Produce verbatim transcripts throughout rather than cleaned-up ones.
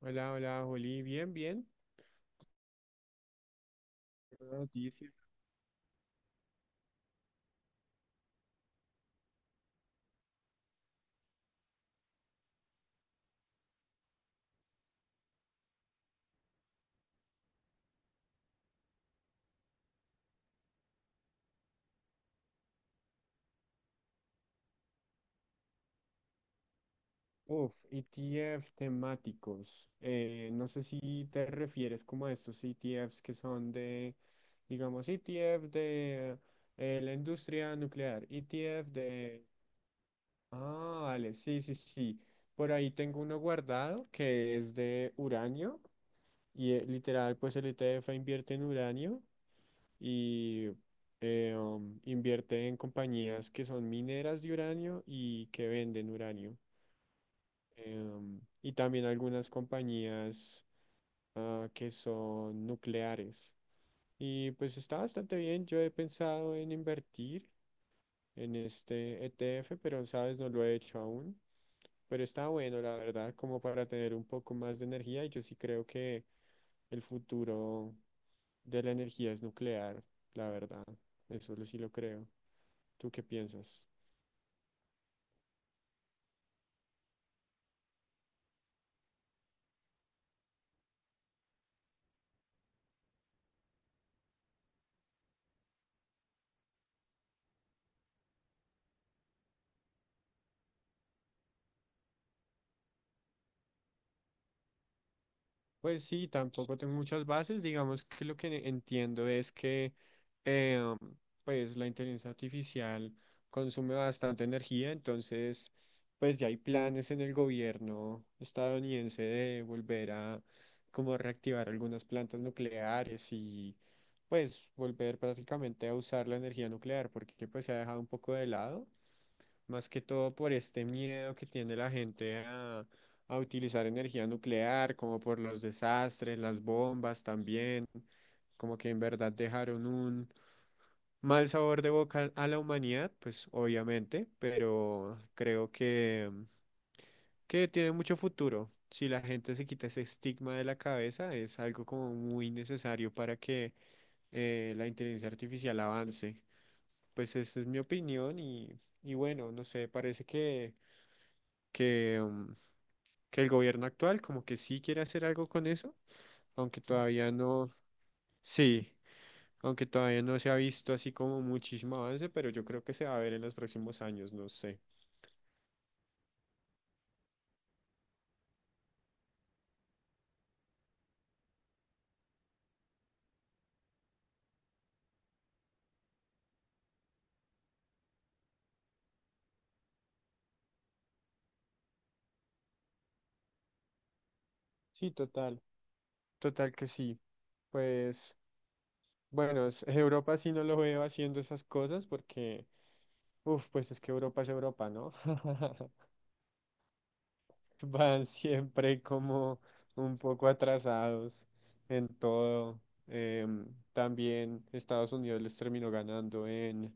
Hola, hola, Juli. Bien, bien. Buena noticia. Uf, E T F temáticos. Eh, no sé si te refieres como a estos E T Fs que son de, digamos, E T F de eh, la industria nuclear, E T F de... Ah, vale, sí, sí, sí. Por ahí tengo uno guardado que es de uranio y eh, literal, pues el E T F invierte en uranio. Y eh, um, invierte en compañías que son mineras de uranio y que venden uranio. Em, y también algunas compañías ah, que son nucleares. Y pues está bastante bien. Yo he pensado en invertir en este E T F, pero sabes, no lo he hecho aún. Pero está bueno, la verdad, como para tener un poco más de energía. Y yo sí creo que el futuro de la energía es nuclear, la verdad. Eso lo- sí lo creo. ¿Tú qué piensas? Pues sí, tampoco tengo muchas bases. Digamos que lo que entiendo es que eh, pues la inteligencia artificial consume bastante energía, entonces pues ya hay planes en el gobierno estadounidense de volver a como reactivar algunas plantas nucleares y pues volver prácticamente a usar la energía nuclear porque pues se ha dejado un poco de lado. Más que todo por este miedo que tiene la gente a, a utilizar energía nuclear, como por los desastres, las bombas también, como que en verdad dejaron un mal sabor de boca a la humanidad, pues obviamente, pero creo que, que tiene mucho futuro. Si la gente se quita ese estigma de la cabeza, es algo como muy necesario para que eh, la inteligencia artificial avance. Pues esa es mi opinión y, y bueno, no sé, parece que, que, mm, que el gobierno actual como que sí quiere hacer algo con eso, aunque todavía no, sí, aunque todavía no se ha visto así como muchísimo avance, pero yo creo que se va a ver en los próximos años, no sé. Sí, total, total que sí. Pues bueno, es- Europa sí no lo veo haciendo esas cosas porque, uff, pues es que Europa es Europa, ¿no? Van siempre como un poco atrasados en todo. Em, También Estados Unidos les terminó ganando en,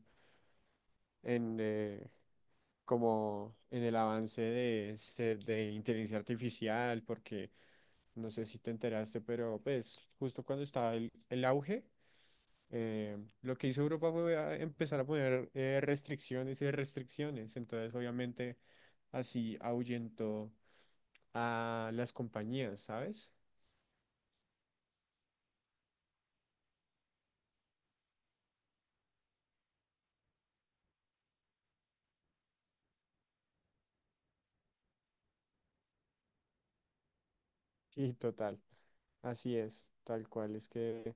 en eh, como en el avance de, se- de inteligencia artificial, porque no sé si te enteraste, pero pues justo cuando estaba el el auge. Eh, lo que hizo Europa fue a empezar a poner eh, restricciones y restricciones, entonces obviamente así ahuyentó a las compañías, ¿sabes? Sí, total, así es, tal cual, es que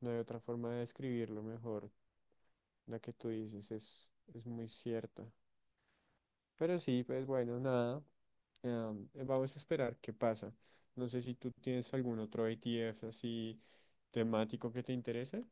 no hay otra forma de describirlo mejor, la que tú dices es, es muy cierta. Pero sí, pues bueno, nada, em, vamos a esperar qué pasa. No sé si tú tienes algún otro E T F así temático que te interese.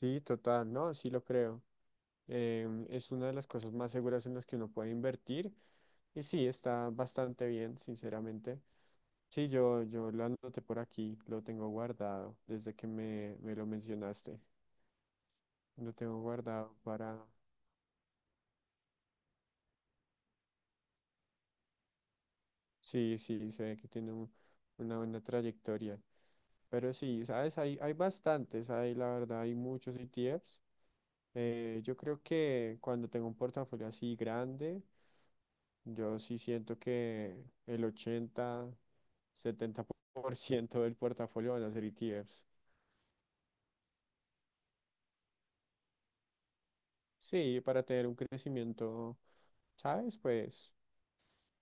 Sí, total, no, sí lo creo. Em, es una de las cosas más seguras en las que uno puede invertir y sí, está bastante bien, sinceramente. Sí, yo, yo lo anoté por aquí, lo tengo guardado desde que me, me lo mencionaste. Lo tengo guardado para, sí, sí, se ve que tiene un- una buena trayectoria. Pero sí, ¿sabes? Hay, hay bastantes, hay, la verdad, hay muchos E T Fs. Eh, yo creo que cuando tengo un portafolio así grande, yo sí siento que el ochenta, setenta por ciento del portafolio van a ser E T Fs. Sí, para tener un crecimiento, ¿sabes? Pues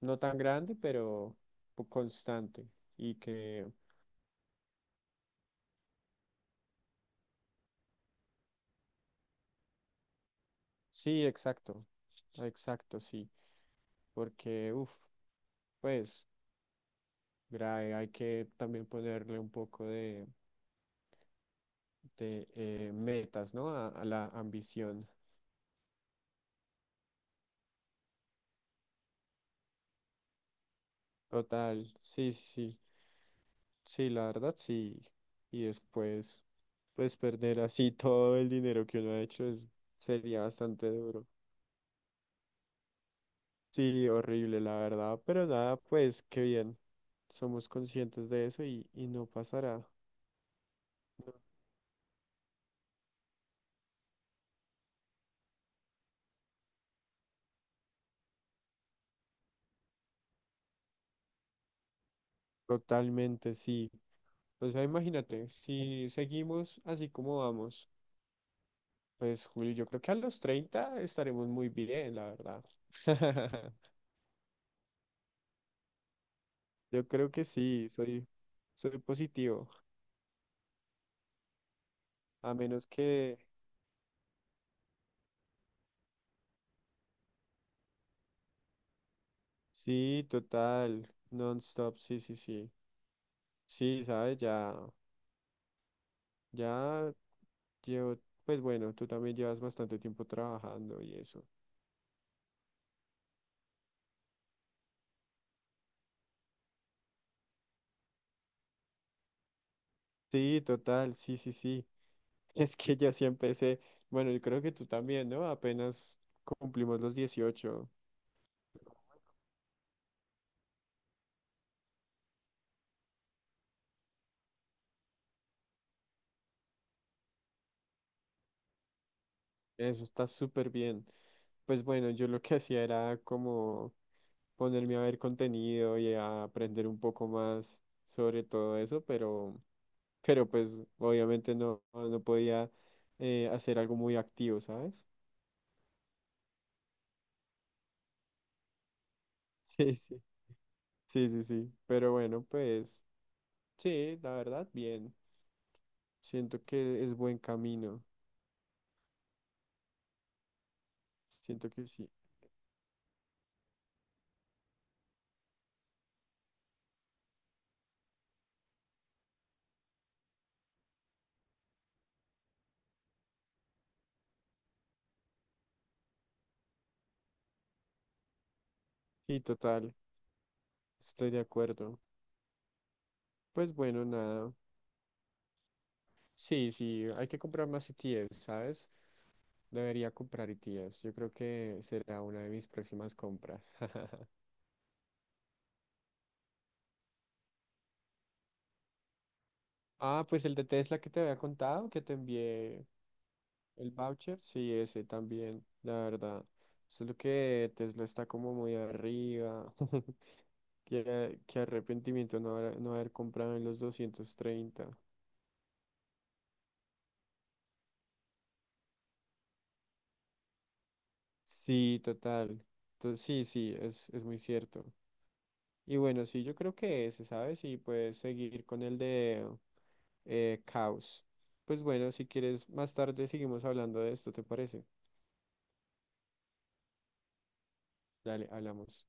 no tan grande, pero po- constante y que sí, exacto, exacto, sí, porque, uff, pues, grave, hay que también ponerle un poco de, de eh, metas, ¿no? A, a la ambición. Total, sí, sí, sí, sí, la verdad, sí. Y después, pues, perder así todo el dinero que uno ha hecho es- sería bastante duro. Sí, horrible, la verdad, pero nada, pues, qué bien. Somos conscientes de eso y, y no pasará. Totalmente, sí. O sea, imagínate, si seguimos así como vamos, pues Julio, yo creo que a los treinta estaremos muy bien, la verdad. Yo creo que sí, soy, soy positivo, a menos que sí, total, non-stop, sí, sí, sí. Sí, sabes, ya, ya llevo, pues bueno, tú también llevas bastante tiempo trabajando y eso. Sí, total, sí, sí, sí. Es que ya sí empecé, bueno, yo creo que tú también, ¿no? Apenas cumplimos los dieciocho. Eso está súper bien. Pues bueno, yo lo que hacía era como ponerme a ver contenido y a aprender un poco más sobre todo eso, pero, pero pues obviamente no, no podía eh, hacer algo muy activo, ¿sabes? Sí, sí. Sí, sí, sí. Pero bueno, pues sí, la verdad, bien. Siento que es buen camino. Siento que sí. Sí, total. Estoy de acuerdo. Pues bueno, nada. Sí, sí, hay que comprar más E T Fs, ¿sabes? Debería comprar E T Fs. Yo creo que será una de mis próximas compras. Ah, pues el de Tesla que te había contado, que te envié el voucher. Sí, ese también, la verdad. Solo que Tesla está como muy arriba. Qué, qué arrepentimiento no haber, no haber comprado en los doscientos treinta. Sí, total. Entonces, sí, sí, es, es muy cierto. Y bueno, sí, yo creo que ese, ¿sabes? Y puedes seguir con el de eh, caos. Pues bueno, si quieres, más tarde seguimos hablando de esto, ¿te parece? Dale, hablamos.